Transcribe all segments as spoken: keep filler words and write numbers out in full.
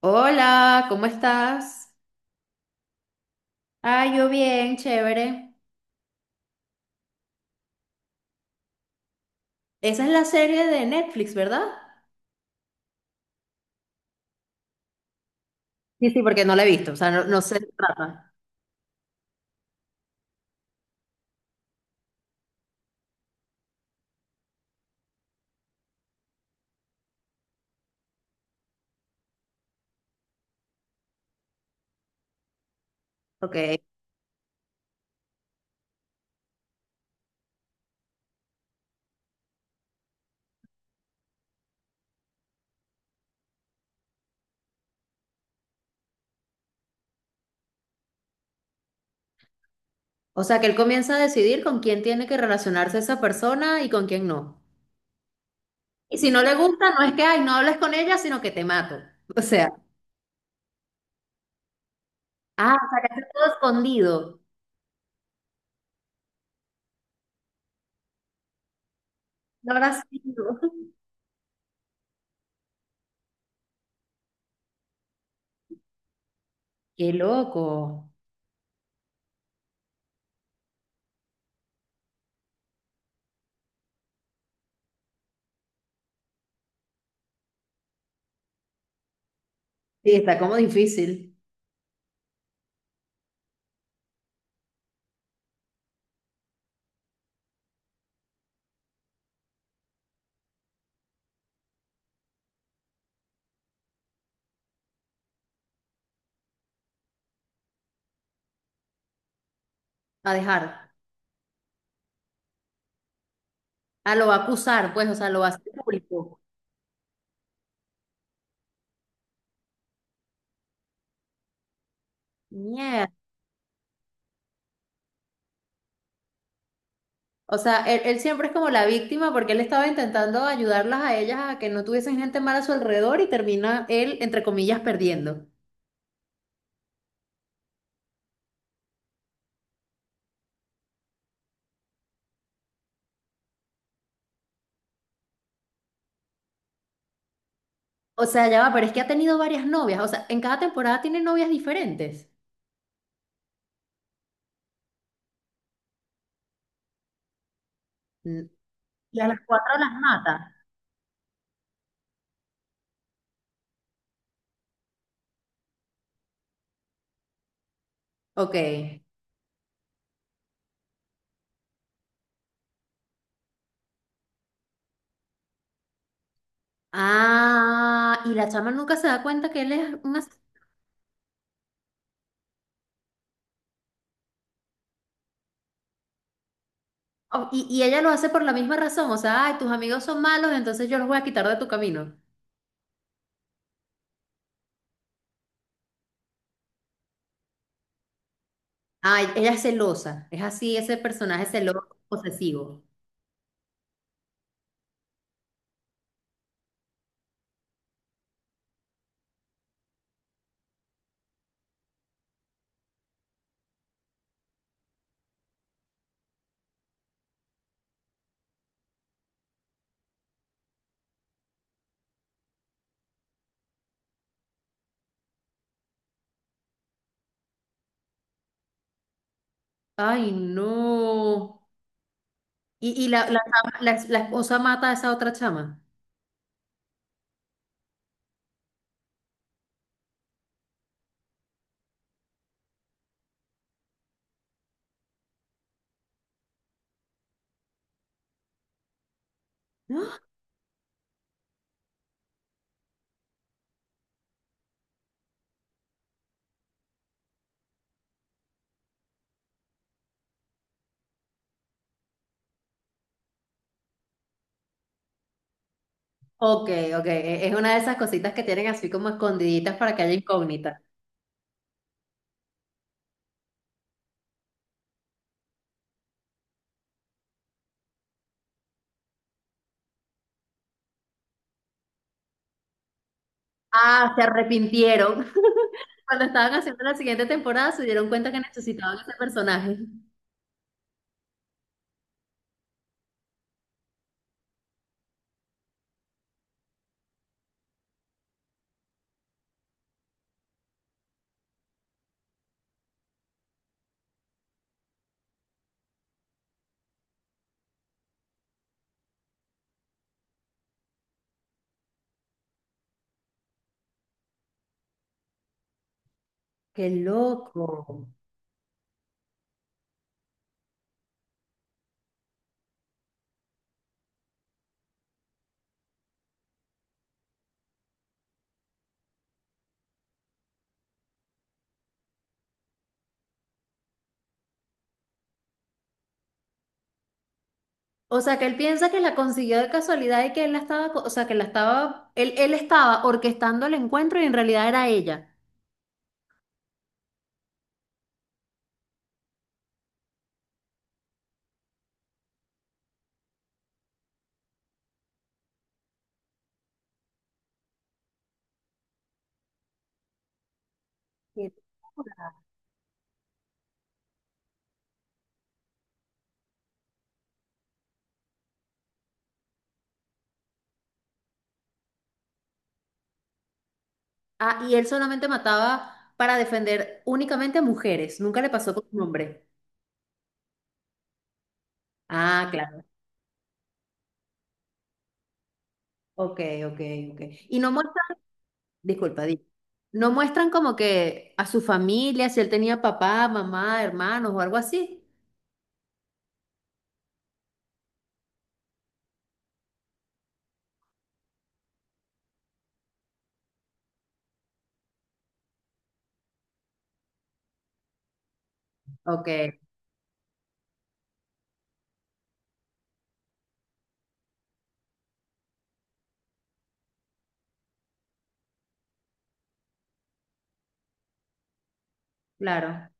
Hola, ¿cómo estás? Ah, yo bien, chévere. Esa es la serie de Netflix, ¿verdad? Sí, sí, porque no la he visto, o sea, no, no sé de qué trata. Ok. O sea, que él comienza a decidir con quién tiene que relacionarse esa persona y con quién no. Y si no le gusta, no es que, ay, no hables con ella, sino que te mato. O sea, ah, o sea, que está todo escondido. No habrá sido. Qué loco. Sí, está como difícil a dejar. Ah, lo va a acusar, pues, o sea, lo va a hacer público. O sea, él, él siempre es como la víctima porque él estaba intentando ayudarlas a ellas a que no tuviesen gente mala a su alrededor y termina él, entre comillas, perdiendo. O sea, ya va, pero es que ha tenido varias novias. O sea, en cada temporada tiene novias diferentes. Mm. Y a las cuatro las mata. Ok. Ah, y la chama nunca se da cuenta que él es una... o- Y, y ella lo hace por la misma razón. O sea, ay, tus amigos son malos, entonces yo los voy a quitar de tu camino. Ay, ella es celosa. Es así, ese personaje celoso, posesivo. Ay, no. ¿Y, y la, la, chama- la, la esposa mata a esa otra chama? ¡Ah! Ok, ok. e- Es una de esas cositas que tienen así como escondiditas para que haya incógnita. Ah, se arrepintieron. Cuando estaban haciendo la siguiente temporada se dieron cuenta que necesitaban ese personaje. Qué loco. O sea, que él piensa que la consiguió de casualidad y que él la estaba, co- o sea, que la estaba, él, él estaba orquestando el encuentro y en realidad era ella. Qué ah, y él solamente mataba para defender únicamente a mujeres, nunca le pasó con un hombre. Ah, claro. Ok, ok, ok. Y no muestran, disculpa, di- no muestran como que a su familia, si él tenía papá, mamá, hermanos o algo así. Ok, claro.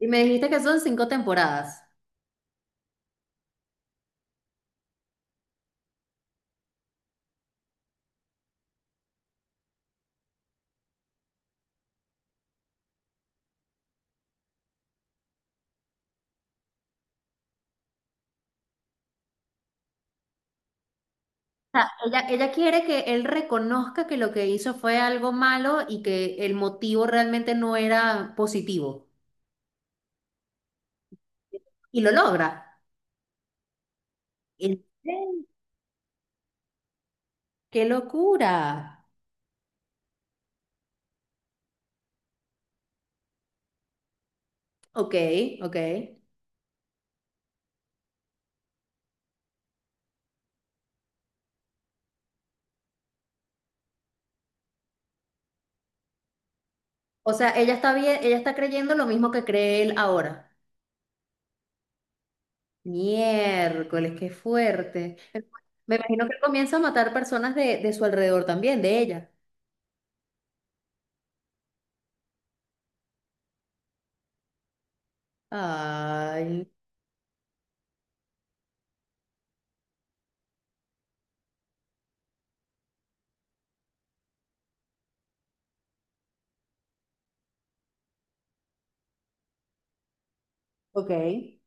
Y me dijiste que son cinco temporadas. O sea, ella, ella quiere que él reconozca que lo que hizo fue algo malo y que el motivo realmente no era positivo. Y lo logra. ¿En serio? ¡Qué locura! Ok, ok. O sea, ella está bien, ella está creyendo lo mismo que cree él ahora. Miércoles, qué fuerte. Me imagino que él comienza a matar personas de, de su alrededor también, de ella. Ay, ok. Creo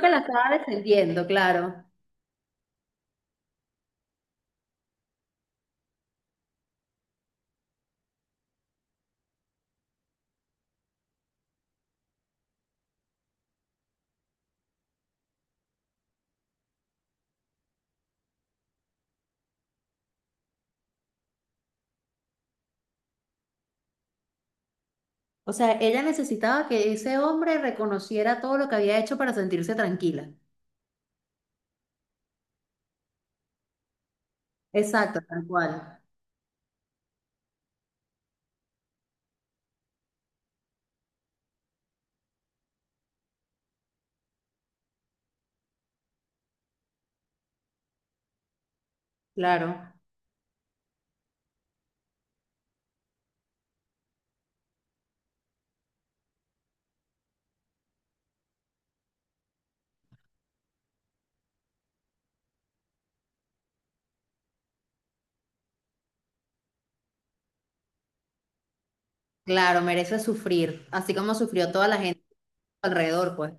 que la estaba defendiendo, claro. O sea, ella necesitaba que ese hombre reconociera todo lo que había hecho para sentirse tranquila. Exacto, tal cual. Claro, claro, merece sufrir, así como sufrió toda la gente alrededor, pues.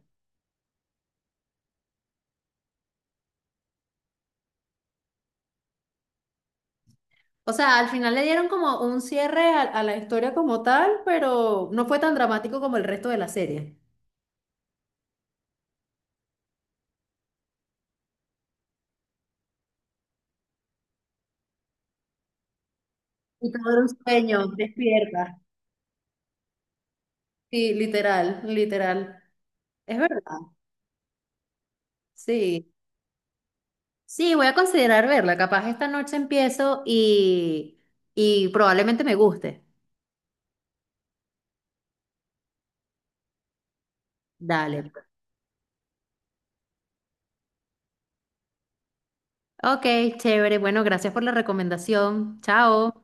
O sea, al final le dieron como un cierre a, a la historia como tal, pero no fue tan dramático como el resto de la serie. Y todo era un sueño, despierta. Sí, literal, literal. Es verdad. Sí. Sí, voy a considerar verla. Capaz esta noche empiezo y, y probablemente me guste. Dale. Ok, chévere. Bueno, gracias por la recomendación. Chao.